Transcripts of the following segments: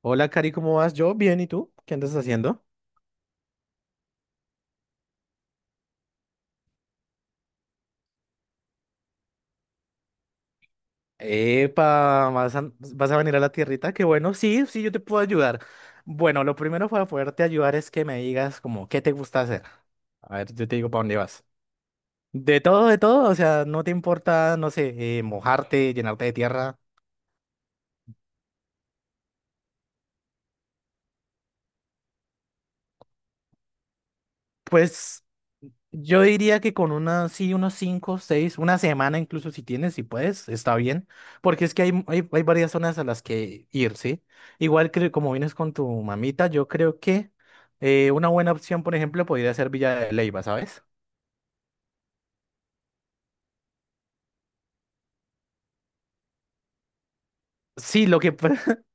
Hola, Cari, ¿cómo vas? Yo bien, ¿y tú? ¿Qué andas haciendo? Epa, ¿vas a venir a la tierrita? Qué bueno, sí, sí, yo te puedo ayudar. Bueno, lo primero para poderte ayudar es que me digas como qué te gusta hacer. A ver, yo te digo para dónde vas. De todo, o sea, no te importa, no sé, mojarte, llenarte de tierra. Pues yo diría que con una sí, unos cinco, seis, una semana incluso si tienes, si puedes, está bien, porque es que hay varias zonas a las que ir, ¿sí? Igual que como vienes con tu mamita, yo creo que una buena opción, por ejemplo, podría ser Villa de Leyva, ¿sabes? Sí,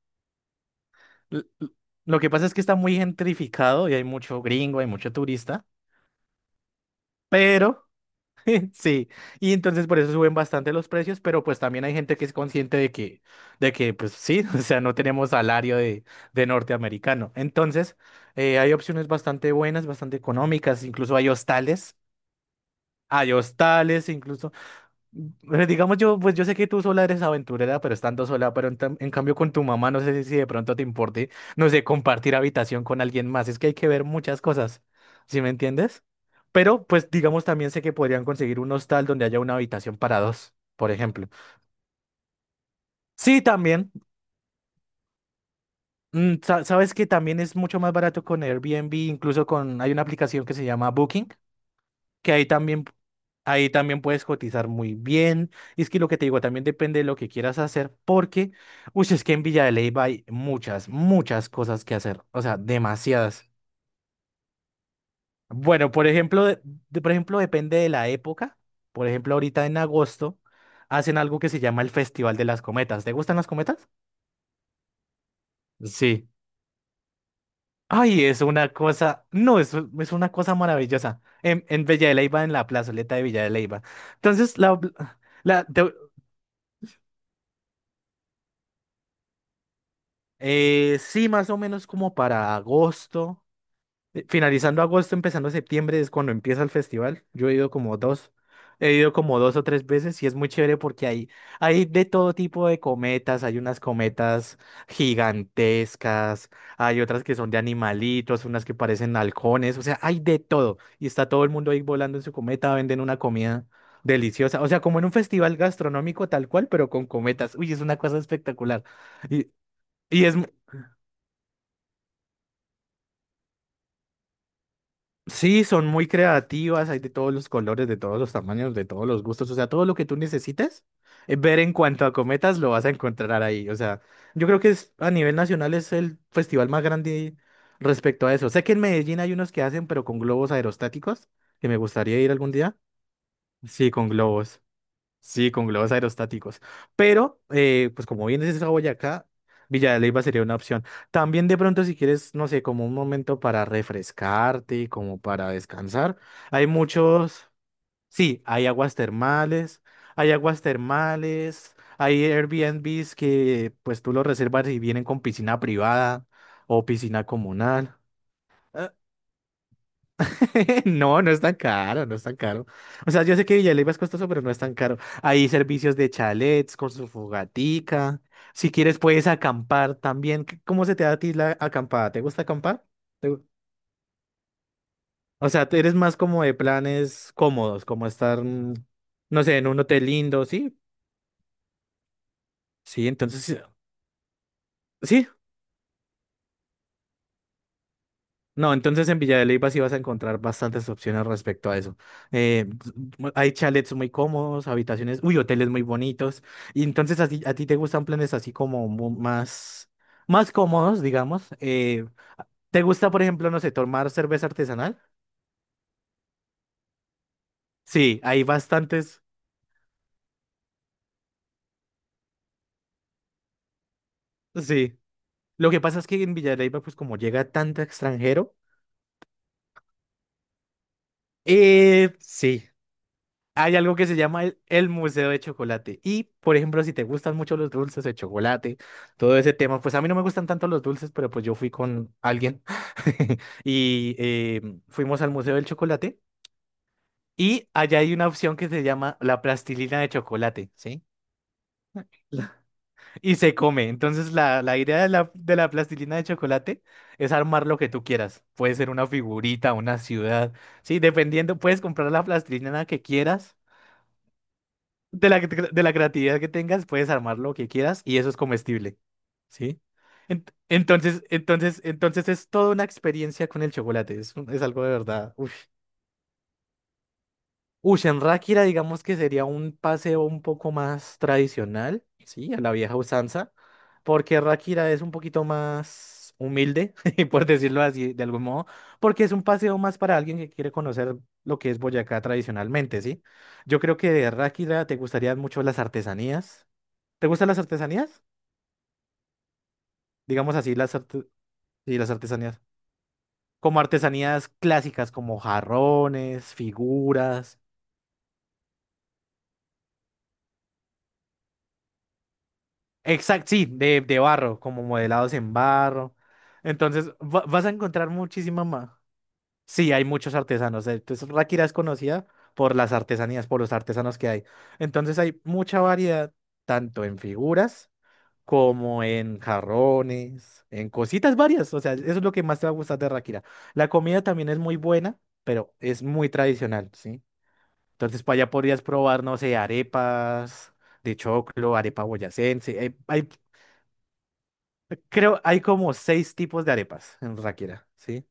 l- l- lo que pasa es que está muy gentrificado y hay mucho gringo, hay mucho turista, pero. Sí, y entonces por eso suben bastante los precios, pero pues también hay gente que es consciente de que, pues sí, o sea, no tenemos salario de norteamericano. Entonces, hay opciones bastante buenas, bastante económicas, incluso hay hostales incluso pero digamos yo, pues yo sé que tú sola eres aventurera, pero estando sola, pero en cambio con tu mamá, no sé si de pronto te importe, no sé, compartir habitación con alguien más. Es que hay que ver muchas cosas, ¿sí me entiendes? Pero pues digamos también sé que podrían conseguir un hostal donde haya una habitación para dos, por ejemplo. Sí, también. Sabes que también es mucho más barato con Airbnb, incluso con, hay una aplicación que se llama Booking, que ahí también. Ahí también puedes cotizar muy bien. Y es que lo que te digo también depende de lo que quieras hacer, porque, uy, es que en Villa de Leyva hay muchas, muchas cosas que hacer. O sea, demasiadas. Bueno, por ejemplo, por ejemplo, depende de la época. Por ejemplo, ahorita en agosto hacen algo que se llama el Festival de las Cometas. ¿Te gustan las cometas? Sí. Ay, es una cosa, no, es una cosa maravillosa. En Villa de Leyva, en la plazoleta de Villa de Leyva. Entonces, la, te- sí, más o menos como para agosto. Finalizando agosto, empezando septiembre es cuando empieza el festival. Yo he ido como dos o tres veces y es muy chévere porque hay de todo tipo de cometas. Hay unas cometas gigantescas, hay otras que son de animalitos, unas que parecen halcones, o sea, hay de todo. Y está todo el mundo ahí volando en su cometa, venden una comida deliciosa. O sea, como en un festival gastronómico tal cual, pero con cometas. Uy, es una cosa espectacular. Y- y es, Sí, son muy creativas, hay de todos los colores, de todos los tamaños, de todos los gustos, o sea, todo lo que tú necesites ver en cuanto a cometas lo vas a encontrar ahí, o sea, yo creo que a nivel nacional es el festival más grande respecto a eso. Sé que en Medellín hay unos que hacen, pero con globos aerostáticos, que me gustaría ir algún día. Sí, con globos. Sí, con globos aerostáticos. Pero, pues como bien dices a Boyacá, Villa de Leyva sería una opción. También de pronto si quieres, no sé, como un momento para refrescarte y como para descansar. Hay muchos, sí, hay aguas termales, hay Airbnbs que pues tú los reservas y vienen con piscina privada o piscina comunal. No, no es tan caro, no es tan caro. O sea, yo sé que Villaleiva es costoso, pero no es tan caro. Hay servicios de chalets con su fogatica. Si quieres, puedes acampar también. ¿Cómo se te da a ti la acampada? ¿Te gusta acampar? ¿Te gu- O sea, tú eres más como de planes cómodos, como estar, no sé, en un hotel lindo, ¿sí? Sí, entonces, sí, sí. No, entonces en Villa de Leyva sí vas a encontrar bastantes opciones respecto a eso. Eh, hay chalets muy cómodos, habitaciones, uy, hoteles muy bonitos. Y entonces a ti, te gustan planes así como más cómodos, digamos. ¿Te gusta, por ejemplo, no sé, tomar cerveza artesanal? Sí, hay bastantes. Sí. Lo que pasa es que en Villa de Leyva, pues como llega tanto extranjero, sí. Hay algo que se llama el Museo de Chocolate. Y, por ejemplo, si te gustan mucho los dulces de chocolate, todo ese tema, pues a mí no me gustan tanto los dulces, pero pues yo fui con alguien y fuimos al Museo del Chocolate y allá hay una opción que se llama la plastilina de chocolate, ¿sí? La- Y se come. Entonces, la idea de la plastilina de chocolate es armar lo que tú quieras. Puede ser una figurita, una ciudad, ¿sí? Dependiendo, puedes comprar la plastilina que quieras. De la creatividad que tengas, puedes armar lo que quieras y eso es comestible, ¿sí? Entonces es toda una experiencia con el chocolate, es algo de verdad. Ush. Ush, en Ráquira digamos que sería un paseo un poco más tradicional, ¿sí? A la vieja usanza, porque Ráquira es un poquito más humilde, por decirlo así, de algún modo, porque es un paseo más para alguien que quiere conocer lo que es Boyacá tradicionalmente, ¿sí? Yo creo que de Ráquira te gustarían mucho las artesanías. ¿Te gustan las artesanías? Digamos así, sí, las artesanías. Como artesanías clásicas, como jarrones, figuras. Exacto, sí, de, barro, como modelados en barro. Entonces, vas a encontrar muchísima más. Sí, hay muchos artesanos. Entonces, Ráquira es conocida por las artesanías, por los artesanos que hay. Entonces, hay mucha variedad, tanto en figuras, como en jarrones, en cositas varias. O sea, eso es lo que más te va a gustar de Ráquira. La comida también es muy buena, pero es muy tradicional, ¿sí? Entonces, para allá podrías probar, no sé, arepas de choclo, arepa boyacense. Creo, hay como seis tipos de arepas en Ráquira, ¿sí?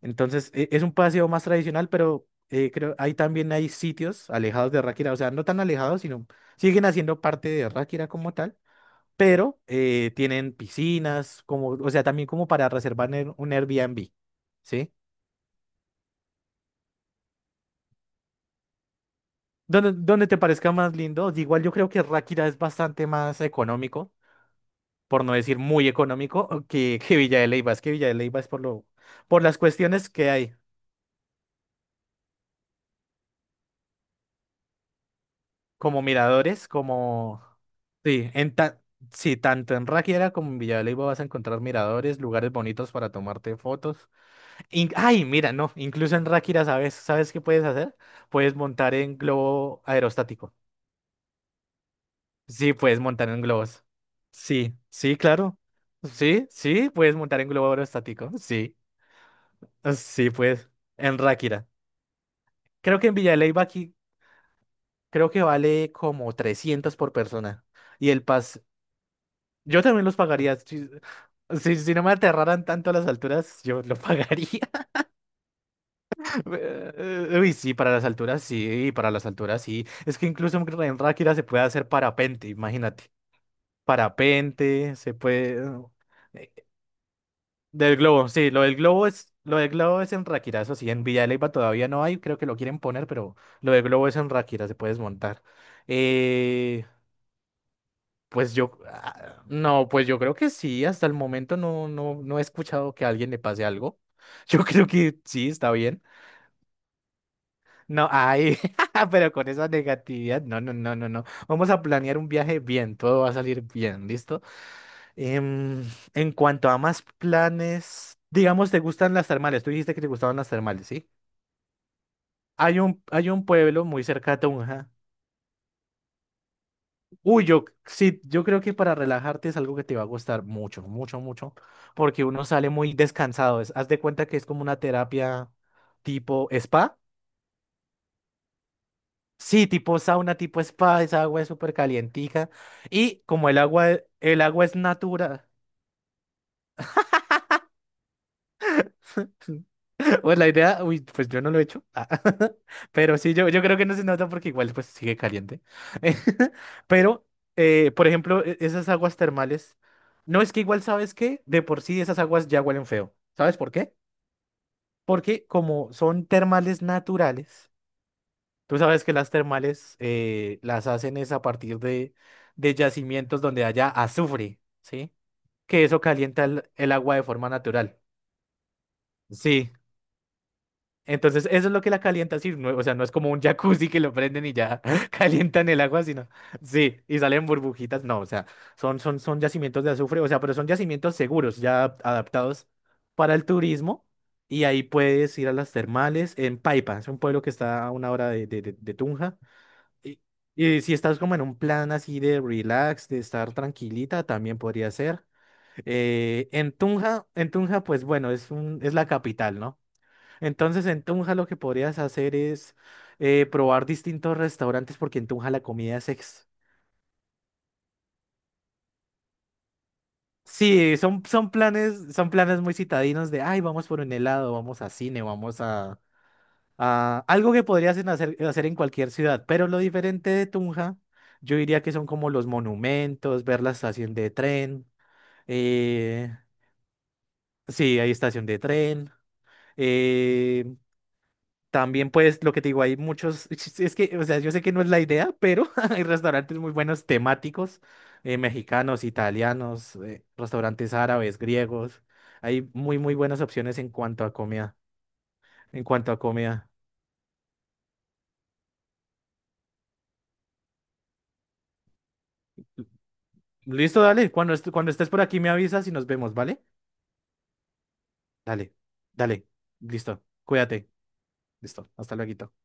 Entonces, es un paseo más tradicional, pero creo, ahí también hay sitios alejados de Ráquira, o sea, no tan alejados, sino siguen haciendo parte de Ráquira como tal pero tienen piscinas, como, o sea, también como para reservar en un Airbnb, ¿sí? Donde te parezca más lindo, igual yo creo que Ráquira es bastante más económico, por no decir muy económico, que Villa de Leyva, es que Villa de Leyva es por lo, por las cuestiones que hay, como miradores, como, sí, sí, tanto en Ráquira como en Villa de Leyva vas a encontrar miradores, lugares bonitos para tomarte fotos. Ay, mira, no, incluso en Ráquira, ¿sabes? ¿Sabes qué puedes hacer? Puedes montar en globo aerostático. Sí, puedes montar en globos. Sí, sí, claro. Sí, sí, puedes montar en globo aerostático. Sí, Ah, sí, pues, en Ráquira. Creo que en Villa de Leyva aquí, creo que vale como 300 por persona. Y el pas, yo también los pagaría. Si, si no me aterraran tanto las alturas, yo lo pagaría. Uy, sí, para las alturas sí, para las alturas sí. Es que incluso en Ráquira se puede hacer parapente, imagínate. Parapente, se puede, ¿no? eh, Del globo, sí, lo del globo es en Ráquira, eso sí, en Villa de Leyva todavía no hay, creo que lo quieren poner, pero lo del globo es en Ráquira, se puede desmontar. Eh, pues yo, no, pues yo creo que sí, hasta el momento no, no, no he escuchado que a alguien le pase algo. Yo creo que sí, está bien. No, ay, pero con esa negatividad, no, no, no, no, no. Vamos a planear un viaje bien, todo va a salir bien, ¿listo? Em, en cuanto a más planes, digamos, ¿te gustan las termales? Tú dijiste que te gustaban las termales, ¿sí? Hay un pueblo muy cerca de Tunja. Uy, yo, sí, yo creo que para relajarte es algo que te va a gustar mucho, mucho, mucho, porque uno sale muy descansado. Haz de cuenta que es como una terapia tipo spa. Sí, tipo sauna, tipo spa, esa agua es súper calientica. Y como el agua es natura. Pues la idea, uy, pues yo no lo he hecho. Ah, Pero sí, yo creo que no se nota porque igual pues sigue caliente. Pero, por ejemplo, esas aguas termales, no es que igual, ¿sabes qué? De por sí esas aguas ya huelen feo. ¿Sabes por qué? Porque como son termales naturales. Tú sabes que las termales las hacen es a partir de, yacimientos donde haya azufre, ¿sí? Que eso calienta el agua de forma natural. Sí. Entonces, eso es lo que la calienta, sí. O sea, no es como un jacuzzi que lo prenden y ya calientan el agua, sino. Sí, y salen burbujitas. No, o sea, son yacimientos de azufre, o sea, pero son yacimientos seguros, ya adaptados para el turismo. Y ahí puedes ir a las termales en Paipa, es un pueblo que está a una hora de Tunja. Y, y si estás como en un plan así de relax, de estar tranquilita, también podría ser. En Tunja, pues bueno, es la capital, ¿no? Entonces en Tunja lo que podrías hacer es probar distintos restaurantes porque en Tunja la comida es ex. Sí, son planes muy citadinos de, ay, vamos por un helado, vamos a cine, vamos a. Ah, algo que podrías hacer en cualquier ciudad, pero lo diferente de Tunja, yo diría que son como los monumentos, ver la estación de tren. eh, sí, hay estación de tren. eh, también, pues, lo que te digo, hay muchos. Es que, o sea, yo sé que no es la idea, pero hay restaurantes muy buenos temáticos, mexicanos, italianos, restaurantes árabes, griegos. Hay muy, muy buenas opciones en cuanto a comida. En cuanto a comida. Listo, dale. Cuando estés por aquí me avisas y nos vemos, ¿vale? Dale, dale. Listo. Cuídate. Listo. Hasta luego.